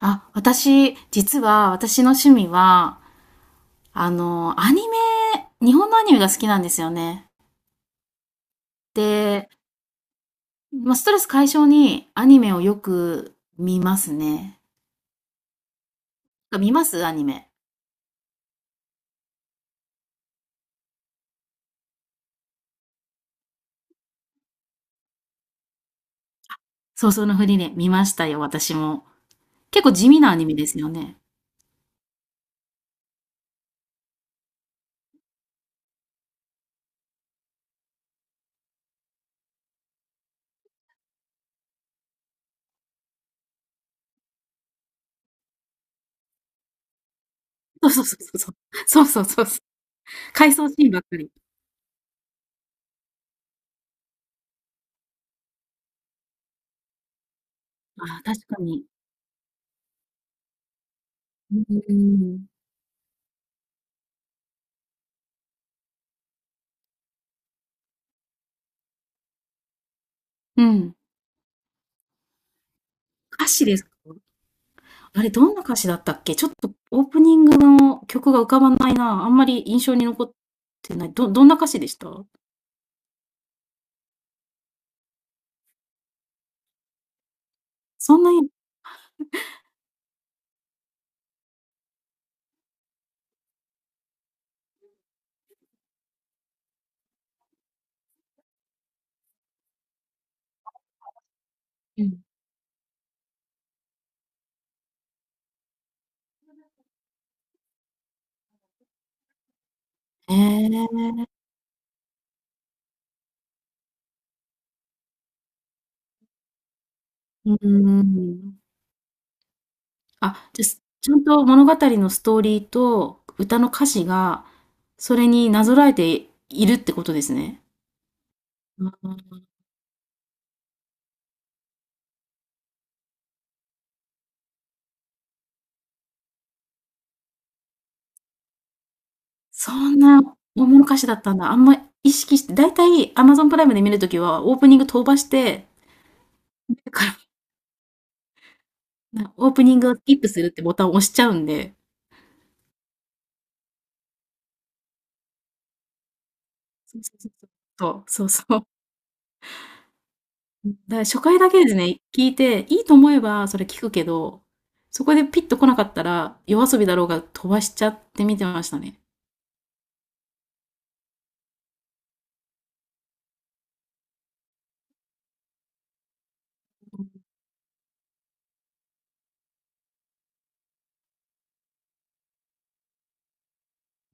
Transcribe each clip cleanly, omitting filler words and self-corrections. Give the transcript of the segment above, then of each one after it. あ、実は、私の趣味は、アニメ、日本のアニメが好きなんですよね。で、まあ、ストレス解消にアニメをよく見ますね。あ、見ますアニメ。そうそうのふりね、見ましたよ、私も。結構地味なアニメですよね。そうそうそうそう。そうそうそうそう。回想シーンばっかり。ああ、確かに。うん。うん。歌詞ですか？あれ、どんな歌詞だったっけ？ちょっとオープニングの曲が浮かばないな。あんまり印象に残ってない。どんな歌詞でした？そんなに。うん。ええ、うーん。あ、じゃ、ちゃんと物語のストーリーと歌の歌詞が、それになぞらえているってことですね。うんうん。そんな大の歌詞だったんだ。あんま意識してだいたい Amazon プライムで見る時はオープニング飛ばして、だから、オープニングをスキップするってボタンを押しちゃうんで、そうそうそうそう。そう、そうそう。だから初回だけですね、聞いて、いいと思えばそれ聞くけど、そこでピッと来なかったら、夜遊びだろうが飛ばしちゃって見てましたね。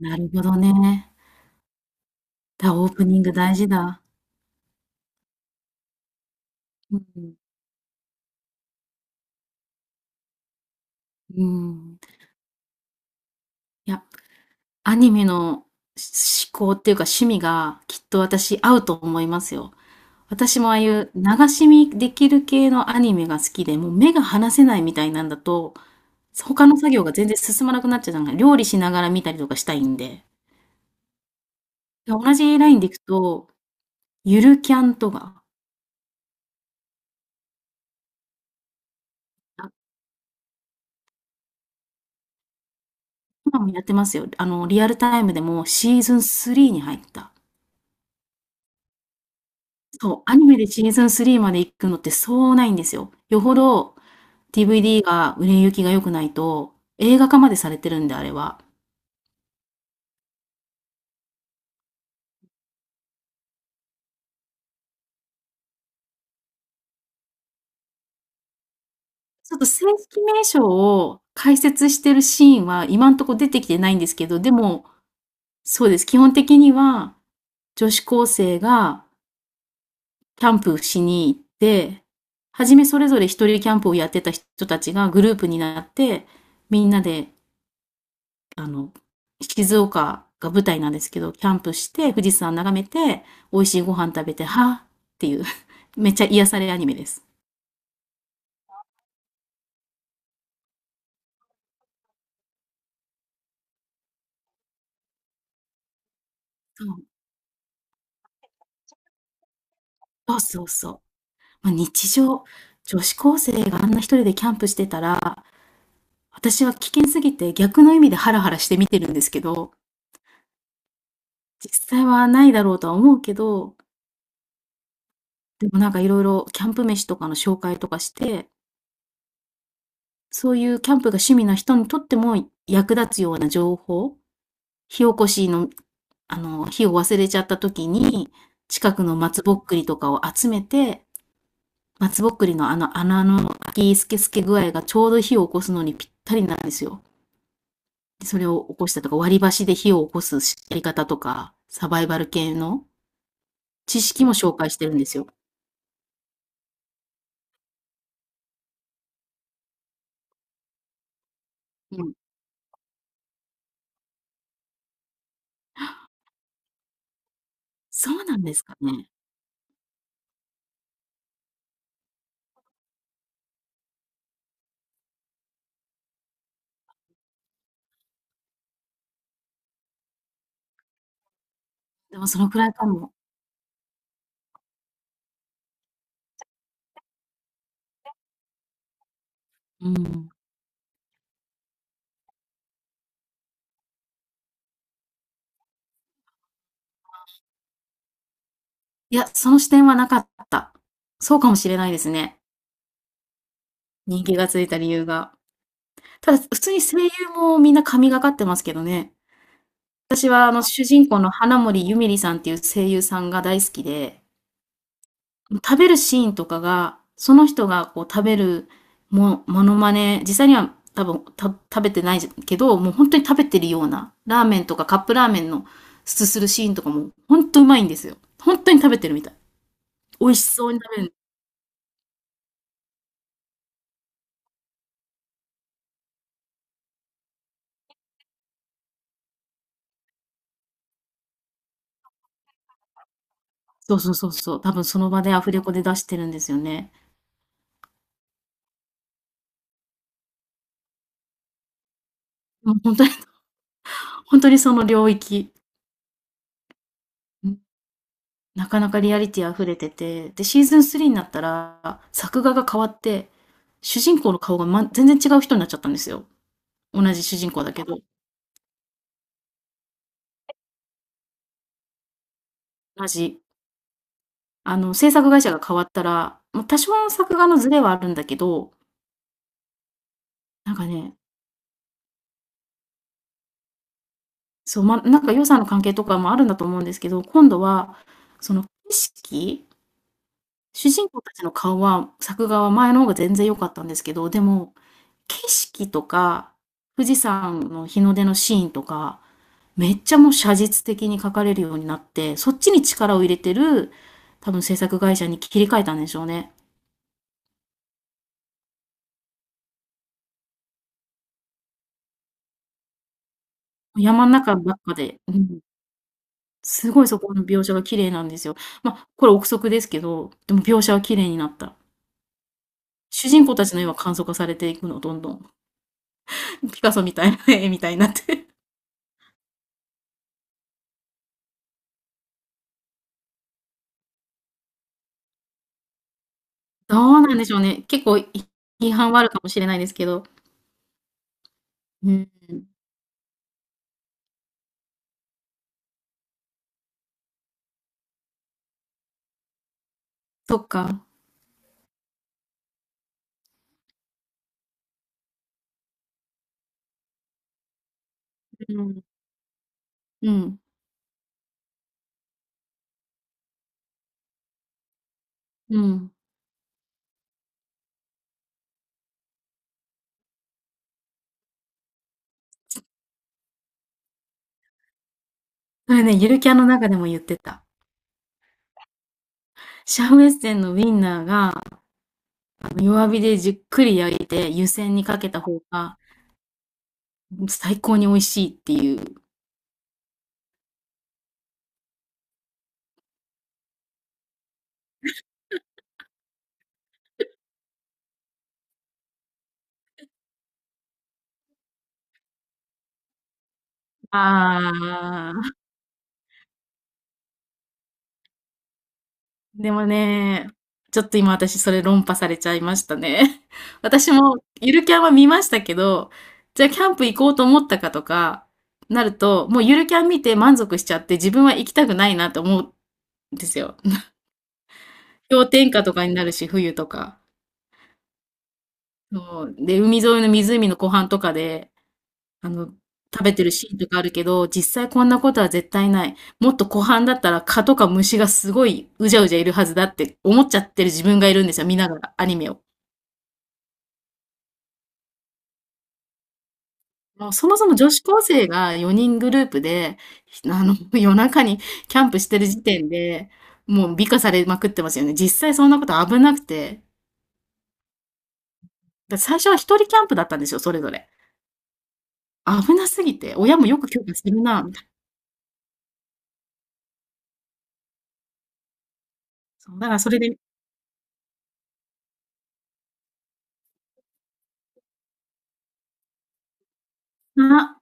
なるほどね。オープニング大事だ。うん。うん。いや、アニメの嗜好っていうか趣味がきっと私合うと思いますよ。私もああいう流し見できる系のアニメが好きで、もう目が離せないみたいなんだと、他の作業が全然進まなくなっちゃう、料理しながら見たりとかしたいんで。同じラインでいくと、ゆるキャンとか、あ、今もやってますよ。あの、リアルタイムでもシーズン3に入った。そう、アニメでシーズン3まで行くのってそうないんですよ。よほど DVD が売れ行きが良くないと、映画化までされてるんで、あれは。ちょっと正式名称を解説してるシーンは今んとこ出てきてないんですけど、でも、そうです。基本的には、女子高生がキャンプしに行って、はじめそれぞれ一人キャンプをやってた人たちがグループになって、みんなで、あの、静岡が舞台なんですけど、キャンプして、富士山眺めて、美味しいご飯食べて、はぁっていう めっちゃ癒されアニメです。そう、そうそうそう。まあ、日常、女子高生があんな一人でキャンプしてたら、私は危険すぎて逆の意味でハラハラして見てるんですけど、実際はないだろうとは思うけど、でもなんかいろいろキャンプ飯とかの紹介とかして、そういうキャンプが趣味な人にとっても役立つような情報、火起こしの、あの、火を忘れちゃった時に、近くの松ぼっくりとかを集めて、松ぼっくりのあの穴の開きスケスケ具合がちょうど火を起こすのにぴったりなんですよ。で、それを起こしたとか、割り箸で火を起こすやり方とか、サバイバル系の知識も紹介してるんですよ。うん。そうなんですかね。でもそのくらいかも。うん。いや、その視点はなかった。そうかもしれないですね。人気がついた理由が。ただ、普通に声優もみんな神がかってますけどね。私はあの主人公の花森ゆみりさんっていう声優さんが大好きで、食べるシーンとかが、その人がこう食べるモノマネ、実際には多分、食べてないけど、もう本当に食べてるような、ラーメンとかカップラーメンのすするシーンとかも、本当うまいんですよ。本当に食べてるみたい。美味しそうに食べる、そうそうそうそう、多分その場でアフレコで出してるんですよね。もうほんとにほんと にその領域、うん、なかなかリアリティ溢れてて、で、シーズン3になったら、作画が変わって、主人公の顔が、全然違う人になっちゃったんですよ。同じ主人公だけど、同じ。あの、制作会社が変わったら、多少の作画のズレはあるんだけど、なんかね、そう、なんか予算の関係とかもあるんだと思うんですけど、今度は、その景色主人公たちの顔は、作画は前の方が全然良かったんですけど、でも、景色とか、富士山の日の出のシーンとか、めっちゃもう写実的に描かれるようになって、そっちに力を入れてる、多分制作会社に切り替えたんでしょうね。山ん中ばっかで、うん、すごいそこの描写が綺麗なんですよ。ま、これ憶測ですけど、でも描写は綺麗になった。主人公たちの絵は簡素化されていくの、どんどん。ピカソみたいな絵みたいになって。どうなんでしょうね。結構批判はあるかもしれないですけど。うん、そっか。うん、うん、うん。それね、ゆるキャンの中でも言ってた。シャウエッセンのウィンナーが、あの、弱火でじっくり焼いて湯煎にかけた方が、最高に美味しいっていう。ああ。でもね、ちょっと今私それ論破されちゃいましたね。私もゆるキャンは見ましたけど、じゃあキャンプ行こうと思ったかとかなると、もうゆるキャン見て満足しちゃって自分は行きたくないなと思うんですよ。氷点下とかになるし、冬とか。そうで、海沿いの湖の湖畔とかで、あの、食べてるシーンとかあるけど、実際こんなことは絶対ない。もっと湖畔だったら蚊とか虫がすごいうじゃうじゃいるはずだって思っちゃってる自分がいるんですよ、見ながらアニメを。もうそもそも女子高生が4人グループで、あの、夜中にキャンプしてる時点で、もう美化されまくってますよね。実際そんなこと危なくて。最初は一人キャンプだったんですよ、それぞれ。危なすぎて、親もよく許可するな、みたいな。そう、だからそれでまあ、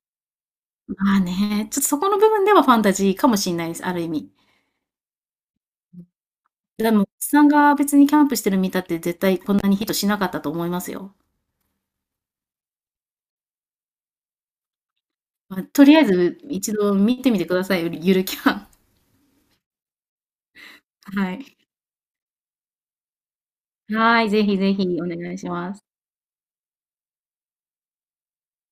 まあね、ちょっとそこの部分ではファンタジーかもしんないです、ある意味。でも、おじさんが別にキャンプしてる見たって絶対こんなにヒットしなかったと思いますよ。まあ、とりあえず一度見てみてください、ゆるゆるキャン。はい。はい、ぜひぜひお願いします。